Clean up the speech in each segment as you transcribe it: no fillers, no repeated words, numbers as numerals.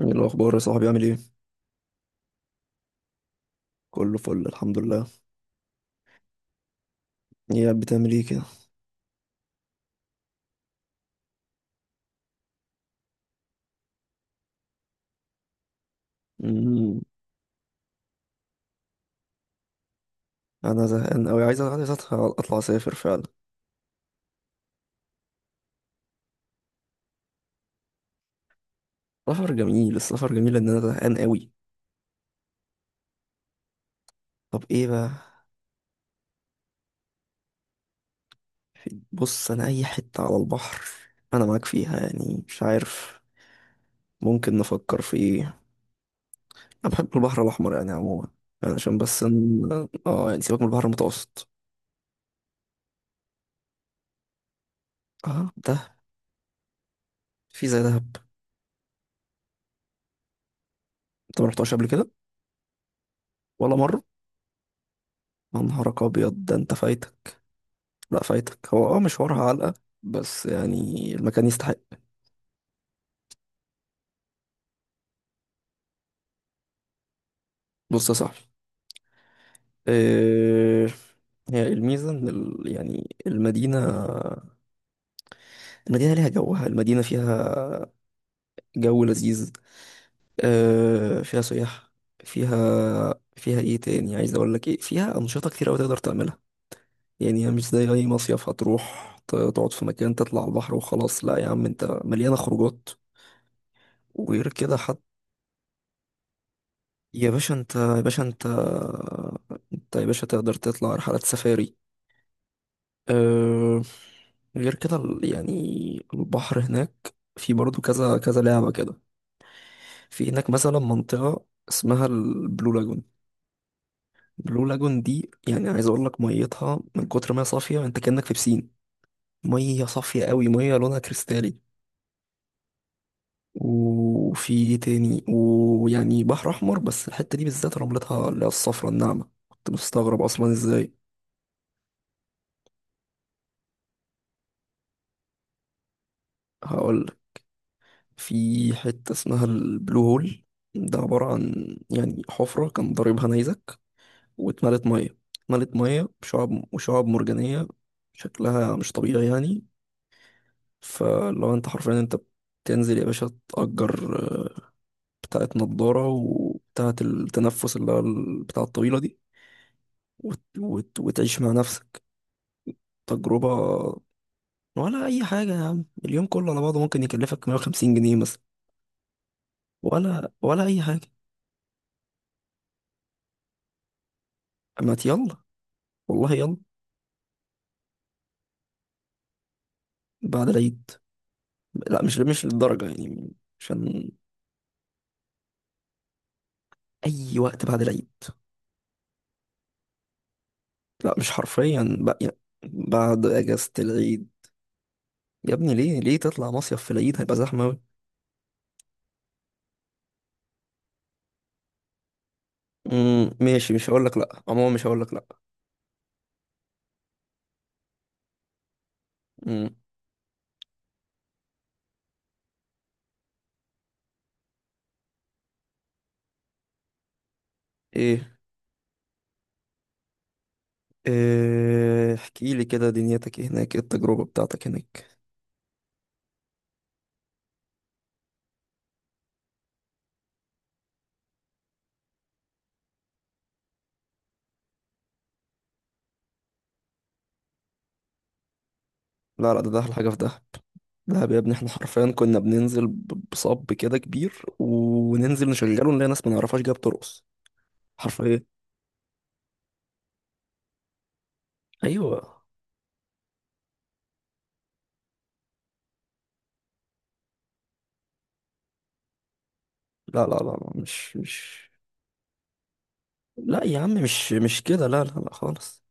ايه الاخبار يا صاحبي؟ عامل ايه؟ كله فل، الحمد لله. ايه بتعمل ايه كده؟ امم. انا زهقان قوي، عايز اطلع اسافر فعلا. سفر جميل، السفر جميل، ان انا زهقان قوي. طب ايه بقى؟ بص، انا اي حته على البحر. انا معاك فيها، يعني مش عارف. ممكن نفكر في ايه؟ انا بحب البحر الاحمر يعني عموما. يعني عشان بس ان... اه يعني سيبك من البحر المتوسط. اه، ده في زي دهب. انت ما رحتهاش قبل كده؟ ولا مره؟ يا نهارك ابيض، ده انت فايتك. لا فايتك، هو مشوارها علقة، بس يعني المكان يستحق. بص يا صاحبي. إيه؟ هي الميزة إن يعني المدينة، المدينة ليها جوها، المدينة فيها جو لذيذ. آه، فيها سياح. فيها فيها إيه تاني؟ عايز أقول لك إيه؟ فيها أنشطة كتير أوي تقدر تعملها. يعني هي مش زي أي مصيف هتروح تقعد في مكان، تطلع على البحر وخلاص. لا يا عم، أنت مليانة خروجات، وغير كده. يا باشا انت، يا باشا تقدر تطلع رحلات سفاري. أه... غير كده يعني البحر هناك في برضه كذا كذا لعبة كده. في هناك مثلا منطقة اسمها البلو لاجون. البلو لاجون دي، يعني عايز اقول لك، ميتها من كتر ما هي صافية انت كأنك في بسين. مية صافية قوي، مية لونها كريستالي. وفي ايه تاني؟ ويعني بحر احمر، بس الحتة دي بالذات رملتها اللي هي الصفرا الناعمة، كنت مستغرب اصلا ازاي. هقول. في حتة اسمها البلو هول. ده عبارة عن يعني حفرة كان ضاربها نيزك، واتملت مية. اتملت مية بشعاب وشعاب مرجانية. شكلها مش طبيعي يعني. فلو انت حرفيا، انت بتنزل يا باشا، تأجر آه، بتاعة نضارة وبتاعة التنفس اللي هو البتاعة الطويلة دي، وتعيش مع نفسك. تجربة. ولا أي حاجة يا عم، اليوم كله على بعضه ممكن يكلفك 150 جنيه مثلا. ولا أي حاجة. ما يلا. والله يلا. بعد العيد. لا، مش للدرجة يعني. عشان. أي وقت بعد العيد. لا، مش حرفيا بقى يعني. بعد أجازة العيد. يا ابني، ليه تطلع مصيف في العيد؟ هيبقى زحمة أوي. ماشي، مش هقولك لأ، عموما مش هقولك لأ. أمم. إيه؟ إيه، احكي لي كده، دنيتك إيه هناك؟ إيه التجربة بتاعتك هناك؟ لا لا، ده أحلى حاجة في ده. دهب يا ابني، احنا حرفيا كنا بننزل بصب كده كبير وننزل نشغله نلاقي ناس ما نعرفهاش جايه بترقص. حرفيا. ايوه. لا لا لا لا، مش مش. لا يا عم، مش كده، لا لا لا خالص.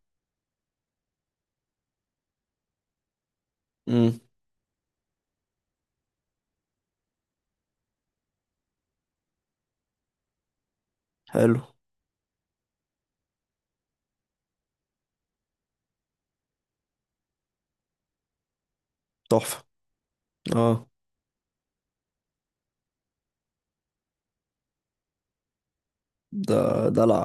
امم. حلو. تحفة. اه ده. دلع.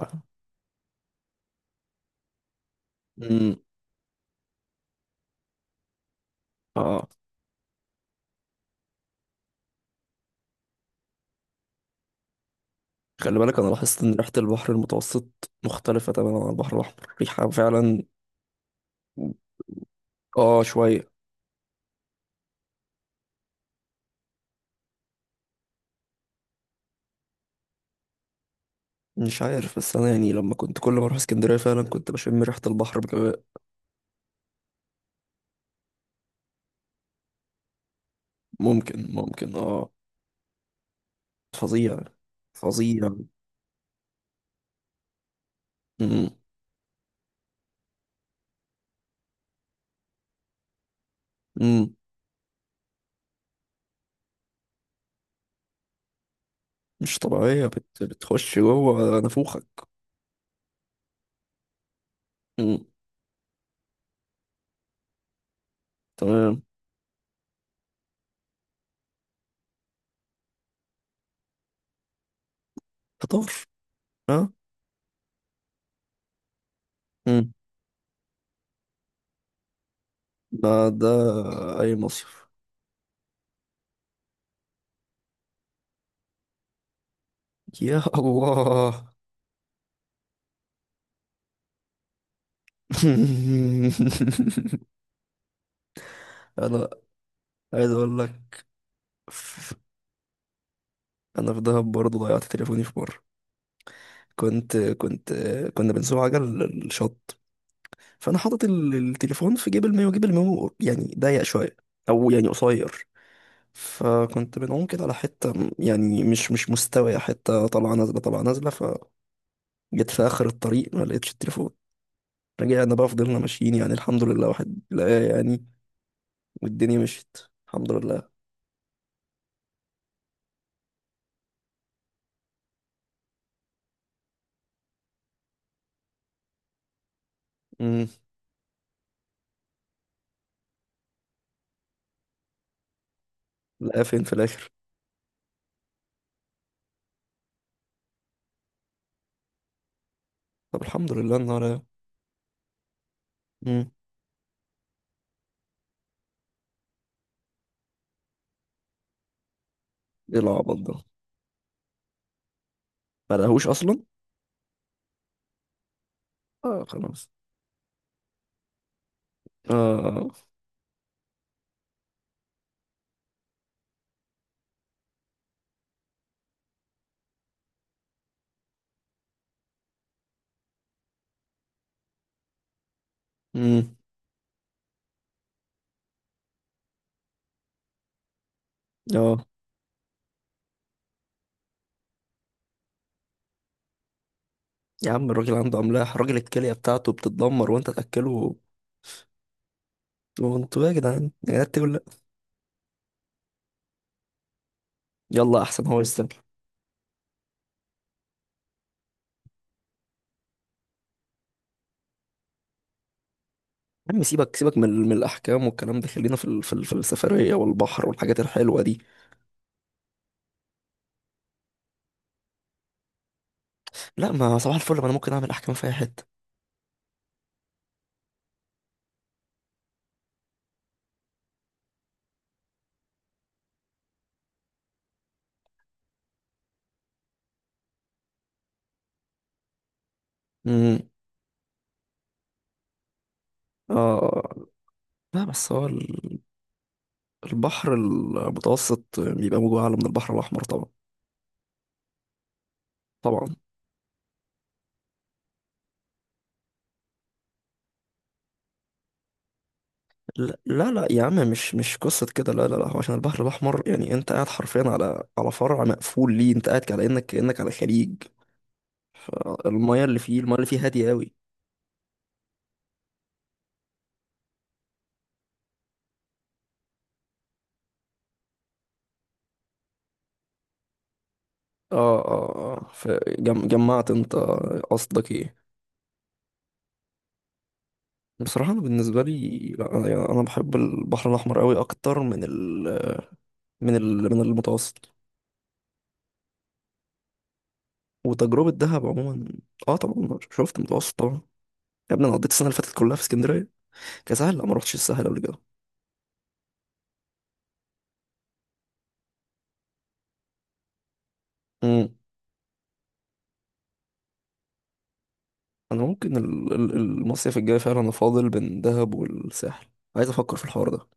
امم. اه، آه. خلي بالك، انا لاحظت ان ريحة البحر المتوسط مختلفة تماما عن البحر الاحمر، ريحة فعلا. اه، شوية. مش عارف، بس انا يعني لما كنت كل ما اروح اسكندرية فعلا كنت بشم ريحة البحر بجواء. ممكن اه. فظيع. فظيع. امم. امم. مش طبيعية، بتخش جوه نافوخك. امم. تمام. فطار. ها. مم. ده ده. اي مصيف. يا الله. انا عايز اقول لك. ف- انا في دهب برضه ضيعت تليفوني في مره. كنت، كنا بنسوق عجل الشط. فانا حاطط التليفون في جيب المايو، جيب المايو يعني ضيق شويه، او يعني قصير. فكنت بنعوم كده على حته يعني مش مستويه، حته طالعه نازله طالعه نازله، فجيت في اخر الطريق ما لقيتش التليفون. رجعنا بقى، فضلنا ماشيين، يعني الحمد لله واحد لقاه يعني، والدنيا مشيت. الحمد لله. امم. لقاه فين في الاخر؟ طب الحمد لله النهار. امم. ايه العبط ده؟ ما لقاهوش اصلا. اه خلاص. اه. امم. اه. يا عم الراجل عنده املاح، راجل الكليه بتاعته بتتدمر وانت تاكله. وانتوا إيه يا جدعان، يا جدعان تولى. يلا احسن هو يستاهل. يا عم، سيبك سيبك من الاحكام والكلام ده، خلينا في في السفريه والبحر والحاجات الحلوه دي. لا، ما صباح الفل، ما انا ممكن اعمل احكام في اي حته. امم. اه. لا بس هو البحر المتوسط بيبقى موجه أعلى من البحر الأحمر طبعا. طبعا. لا لا لا يا عم، مش قصة كده، لا لا لا، هو عشان البحر الأحمر يعني أنت قاعد حرفيا على فرع مقفول. ليه أنت قاعد على إنك كأنك على خليج، فالمية اللي فيه، المية اللي فيه هادية أوي. اه اه اه، فجمعت أنت؟ قصدك إيه؟ بصراحة أنا بالنسبة لي، لا أنا يعني أنا بحب البحر الأحمر أوي أكتر من ال من ال من المتوسط. وتجربة دهب عموما. اه طبعا، شفت المتوسط طبعا. يا ابني، انا قضيت السنه اللي فاتت كلها في اسكندريه. كسهل، لا ما رحتش الساحل قبل كده. امم. انا ممكن المصيف الجاي فعلا انا فاضل بين دهب والساحل. عايز افكر في الحوار ده.